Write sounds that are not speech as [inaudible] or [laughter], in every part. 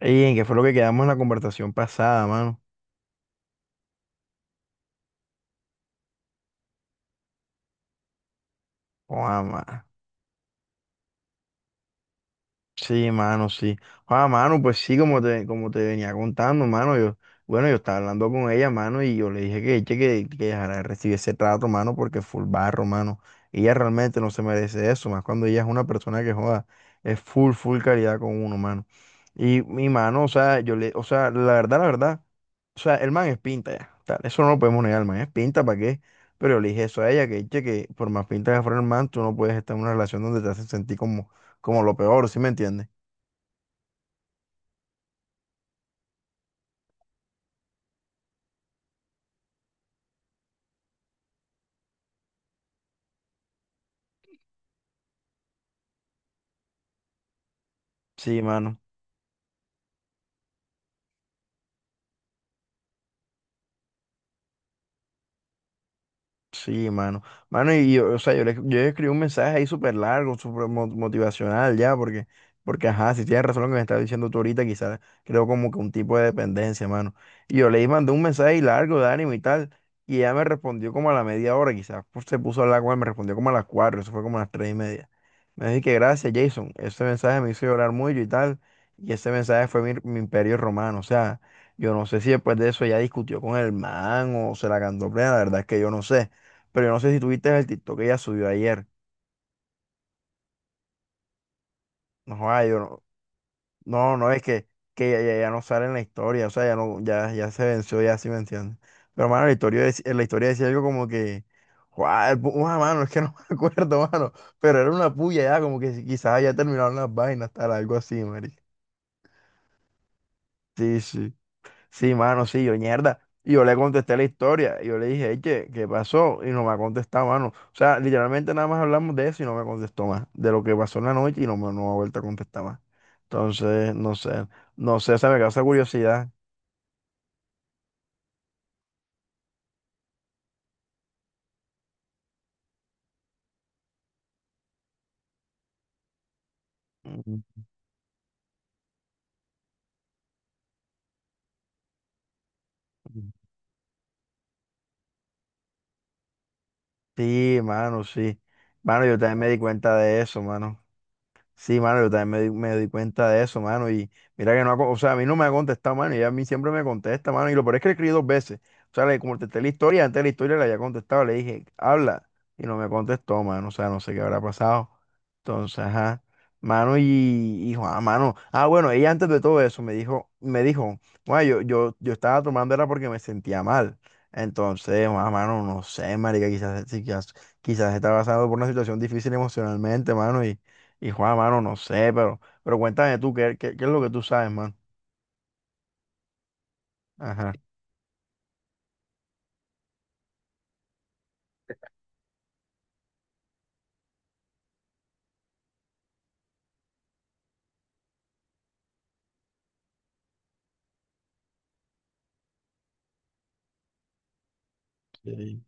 Ey, ¿en qué fue lo que quedamos en la conversación pasada, mano? Joda, ma- Sí, mano, sí. Joda, mano, pues sí, como te venía contando, mano, yo, bueno, yo estaba hablando con ella, mano, y yo le dije que, che, que dejara de recibir ese trato, mano, porque full barro, mano. Ella realmente no se merece eso, más cuando ella es una persona que joda, es full, full calidad con uno, mano. Y mi mano, o sea, yo le, o sea, la verdad, la verdad. O sea, el man es pinta ya. Tal, eso no lo podemos negar, el man es pinta, ¿para qué? Pero yo le dije eso a ella, que che, que por más pinta que fuera el man, tú no puedes estar en una relación donde te hacen sentir como, como lo peor, ¿sí me entiendes? Sí, mano. Sí, mano. Mano, y yo, o sea, yo le escribí un mensaje ahí súper largo, súper mo- motivacional ya, porque, ajá, si tienes razón lo que me estás diciendo tú ahorita, quizás creo como que un tipo de dependencia, mano. Y yo le mandé un mensaje largo de ánimo y tal, y ella me respondió como a la media hora, quizás pues, se puso a hablar con él, me respondió como a las cuatro, eso fue como a las tres y media. Me dijo que gracias, Jason, ese mensaje me hizo llorar mucho y tal, y ese mensaje fue mi, mi imperio romano, o sea, yo no sé si después de eso ella discutió con el man o se la cantó plena, la verdad es que yo no sé. Pero yo no sé si tuviste el TikTok que ella subió ayer. No, joda, yo no, no, es que ella ya, ya no sale en la historia, o sea, ya no, ya, ya se venció, ya sí me entiendes. Pero mano, la historia, dec- en la historia decía algo como que, joda, mano, es que no [laughs] me acuerdo, mano. Pero era una puya ya, como que si- quizás ya terminaron las vainas, tal, algo así, marica. Sí, sí. Sí, mano, sí, yo mierda. Y yo le contesté la historia. Y yo le dije, "Ey, ¿qué, qué pasó? Y no me ha contestado, mano. O sea, literalmente nada más hablamos de eso y no me contestó más. De lo que pasó en la noche y no me, no me ha vuelto a contestar más. Entonces, no sé. No sé, o sea, me causa curiosidad. Mm, mm, mm. Sí. Mano, yo también me di cuenta de eso, mano. Sí, mano, yo también me di cuenta de eso, mano. Y mira que no ha, con- o sea, a mí no me ha contestado, mano. Y a mí siempre me contesta, mano. Y lo peor es que le escribí dos veces. O sea, le contesté la historia, antes de la historia le había contestado, le dije, habla. Y no me contestó, mano. O sea, no sé qué habrá pasado. Entonces, ajá. Mano, y Juan, mano. Ah, bueno, ella antes de todo eso me dijo, bueno, yo estaba tomando era porque me sentía mal. Entonces, Juan, mano, no sé, marica, quizás, si, quizás, quizás estaba pasando por una situación difícil emocionalmente, mano. Y Juan, mano, no sé, pero cuéntame tú, ¿qué, qué, qué es lo que tú sabes, mano? Ajá. Sí.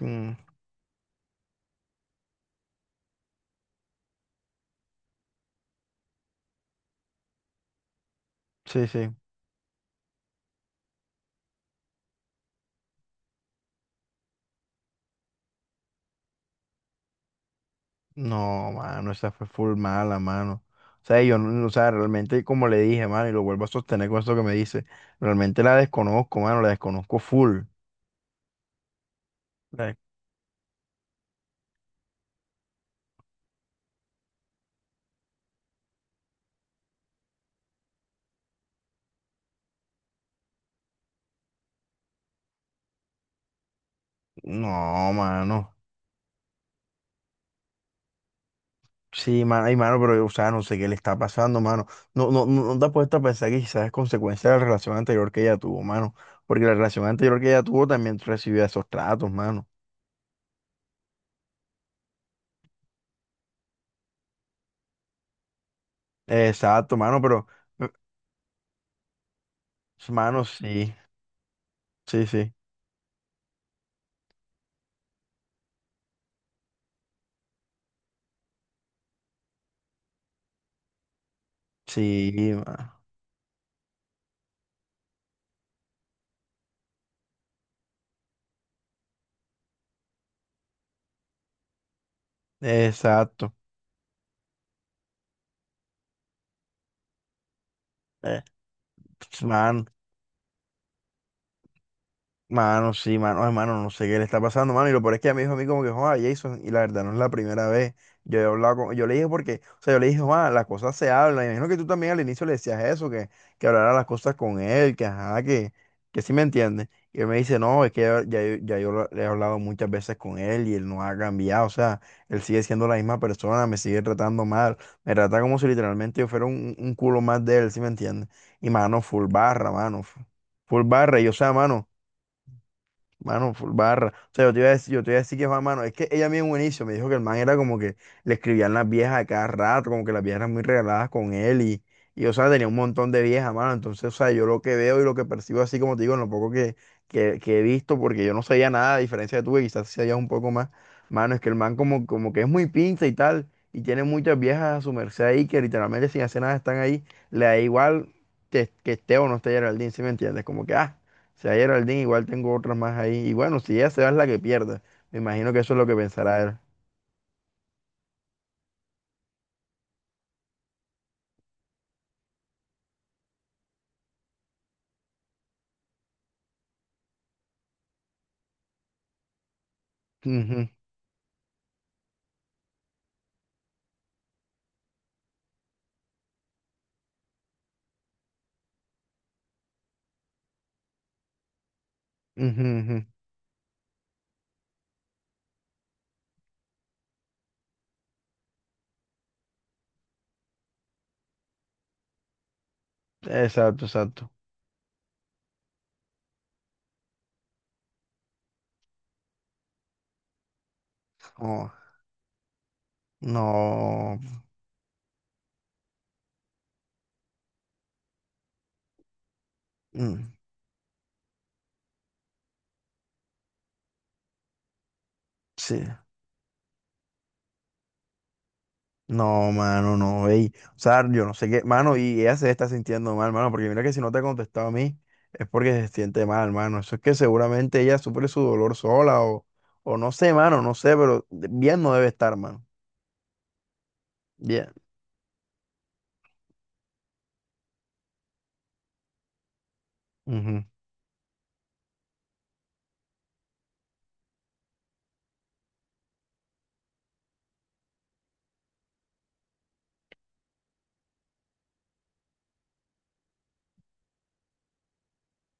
Mm, sí, sí. No, mano, esa fue full mala, mano. O sea, yo, no- o sea, realmente, como le dije, mano, y lo vuelvo a sostener con esto que me dice, realmente la desconozco, mano, la desconozco full. La- No, mano. Sí, mano, ay, mano, pero, o sea, no sé qué le está pasando, mano. No, no te has puesto a pensar que quizás es consecuencia de la relación anterior que ella tuvo, mano. Porque la relación anterior que ella tuvo también recibió esos tratos, mano. Exacto, mano, pero, eh, mano, sí, sí, sí, sí, mano. Exacto. Eh, mano. Mano, sí, mano, hermano, no sé qué le está pasando, mano. Y lo peor es que ella me dijo a mí como que, joder, Jason, y la verdad no es la primera vez. Yo he hablado con, yo le dije porque, o sea, yo le dije, joder, las cosas se hablan. Y me imagino que tú también al inicio le decías eso, que hablara las cosas con él, que ajá, que sí me entiende. Y él me dice, no, es que ya, ya yo lo- le he hablado muchas veces con él y él no ha cambiado. O sea, él sigue siendo la misma persona, me sigue tratando mal, me trata como si literalmente yo fuera un culo más de él, ¿sí me entiende? Y mano, full barra, mano, full barra. Y o sea, mano. Mano, full barra. O sea, yo te iba a decir, yo te iba a decir que Juan, mano, es que ella a mí en un inicio me dijo que el man era como que le escribían las viejas a cada rato, como que las viejas eran muy regaladas con él y o sea, tenía un montón de viejas, mano. Entonces, o sea, yo lo que veo y lo que percibo así, como te digo, en lo poco que, que he visto, porque yo no sabía nada, a diferencia de tú, que quizás sí sabías un poco más, mano, es que el man como, como que es muy pinza y tal, y tiene muchas viejas a su merced ahí que literalmente sin hacer nada están ahí, le da igual que esté o no esté Geraldine, ¿sí me entiendes? Como que, ah sea, Geraldine, igual tengo otras más ahí. Y bueno, si ella se va es la que pierda. Me imagino que eso es lo que pensará él. Ujú, ujú, ujú. Exacto, exacto. Oh, no. Mm, sí. No, mano, no. Ey. O sea, yo no sé qué. Mano, y ella se está sintiendo mal, mano. Porque mira que si no te ha contestado a mí, es porque se siente mal, mano. Eso es que seguramente ella sufre su dolor sola o no sé, mano, no sé, pero bien no debe estar, mano. Bien. Ujú.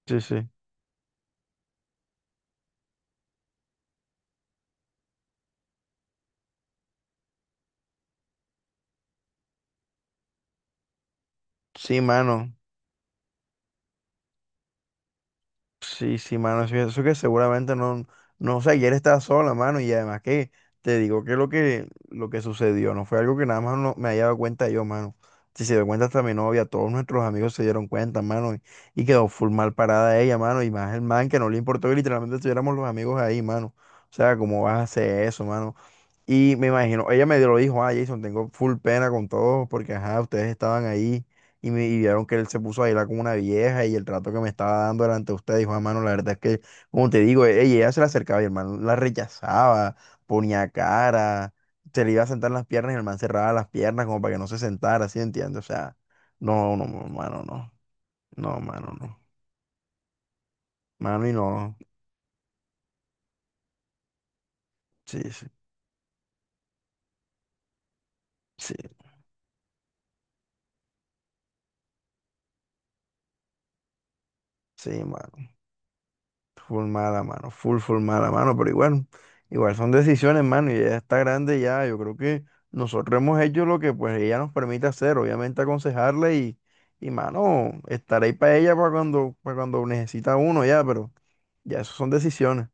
Sí, sí. Sí, mano. Sí, sí, mano, eso que seguramente no, no, o sea, ayer estaba sola, mano, y además que te digo que lo que, lo que sucedió no fue algo que nada más no, me haya dado cuenta yo, mano. Si se dio cuenta hasta mi novia, todos nuestros amigos se dieron cuenta, mano, y quedó full mal parada ella, mano, y más el man que no le importó que literalmente estuviéramos los amigos ahí, mano. O sea, ¿cómo vas a hacer eso, mano? Y me imagino, ella me lo dijo, ah, Jason, tengo full pena con todos porque, ajá, ustedes estaban ahí y vieron que él se puso a bailar con una vieja y el trato que me estaba dando delante de ustedes, dijo, hermano, la verdad es que, como te digo, ey, ella se le acercaba y el man la rechazaba, ponía cara, se le iba a sentar en las piernas y el man cerraba las piernas como para que no se sentara, ¿sí entiendes? O sea, no, no, mano, no, no, mano, no, mano y no, sí, sí, sí, mano. Full mala, mano. Full, full mala, mano. Pero igual, igual son decisiones, mano. Y ella está grande ya. Yo creo que nosotros hemos hecho lo que pues ella nos permite hacer. Obviamente aconsejarle y mano, estar ahí para ella para cuando necesita uno ya. Pero ya eso son decisiones.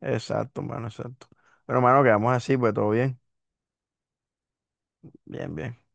Exacto, mano, exacto. Pero, mano, quedamos así, pues todo bien. Bien, bien.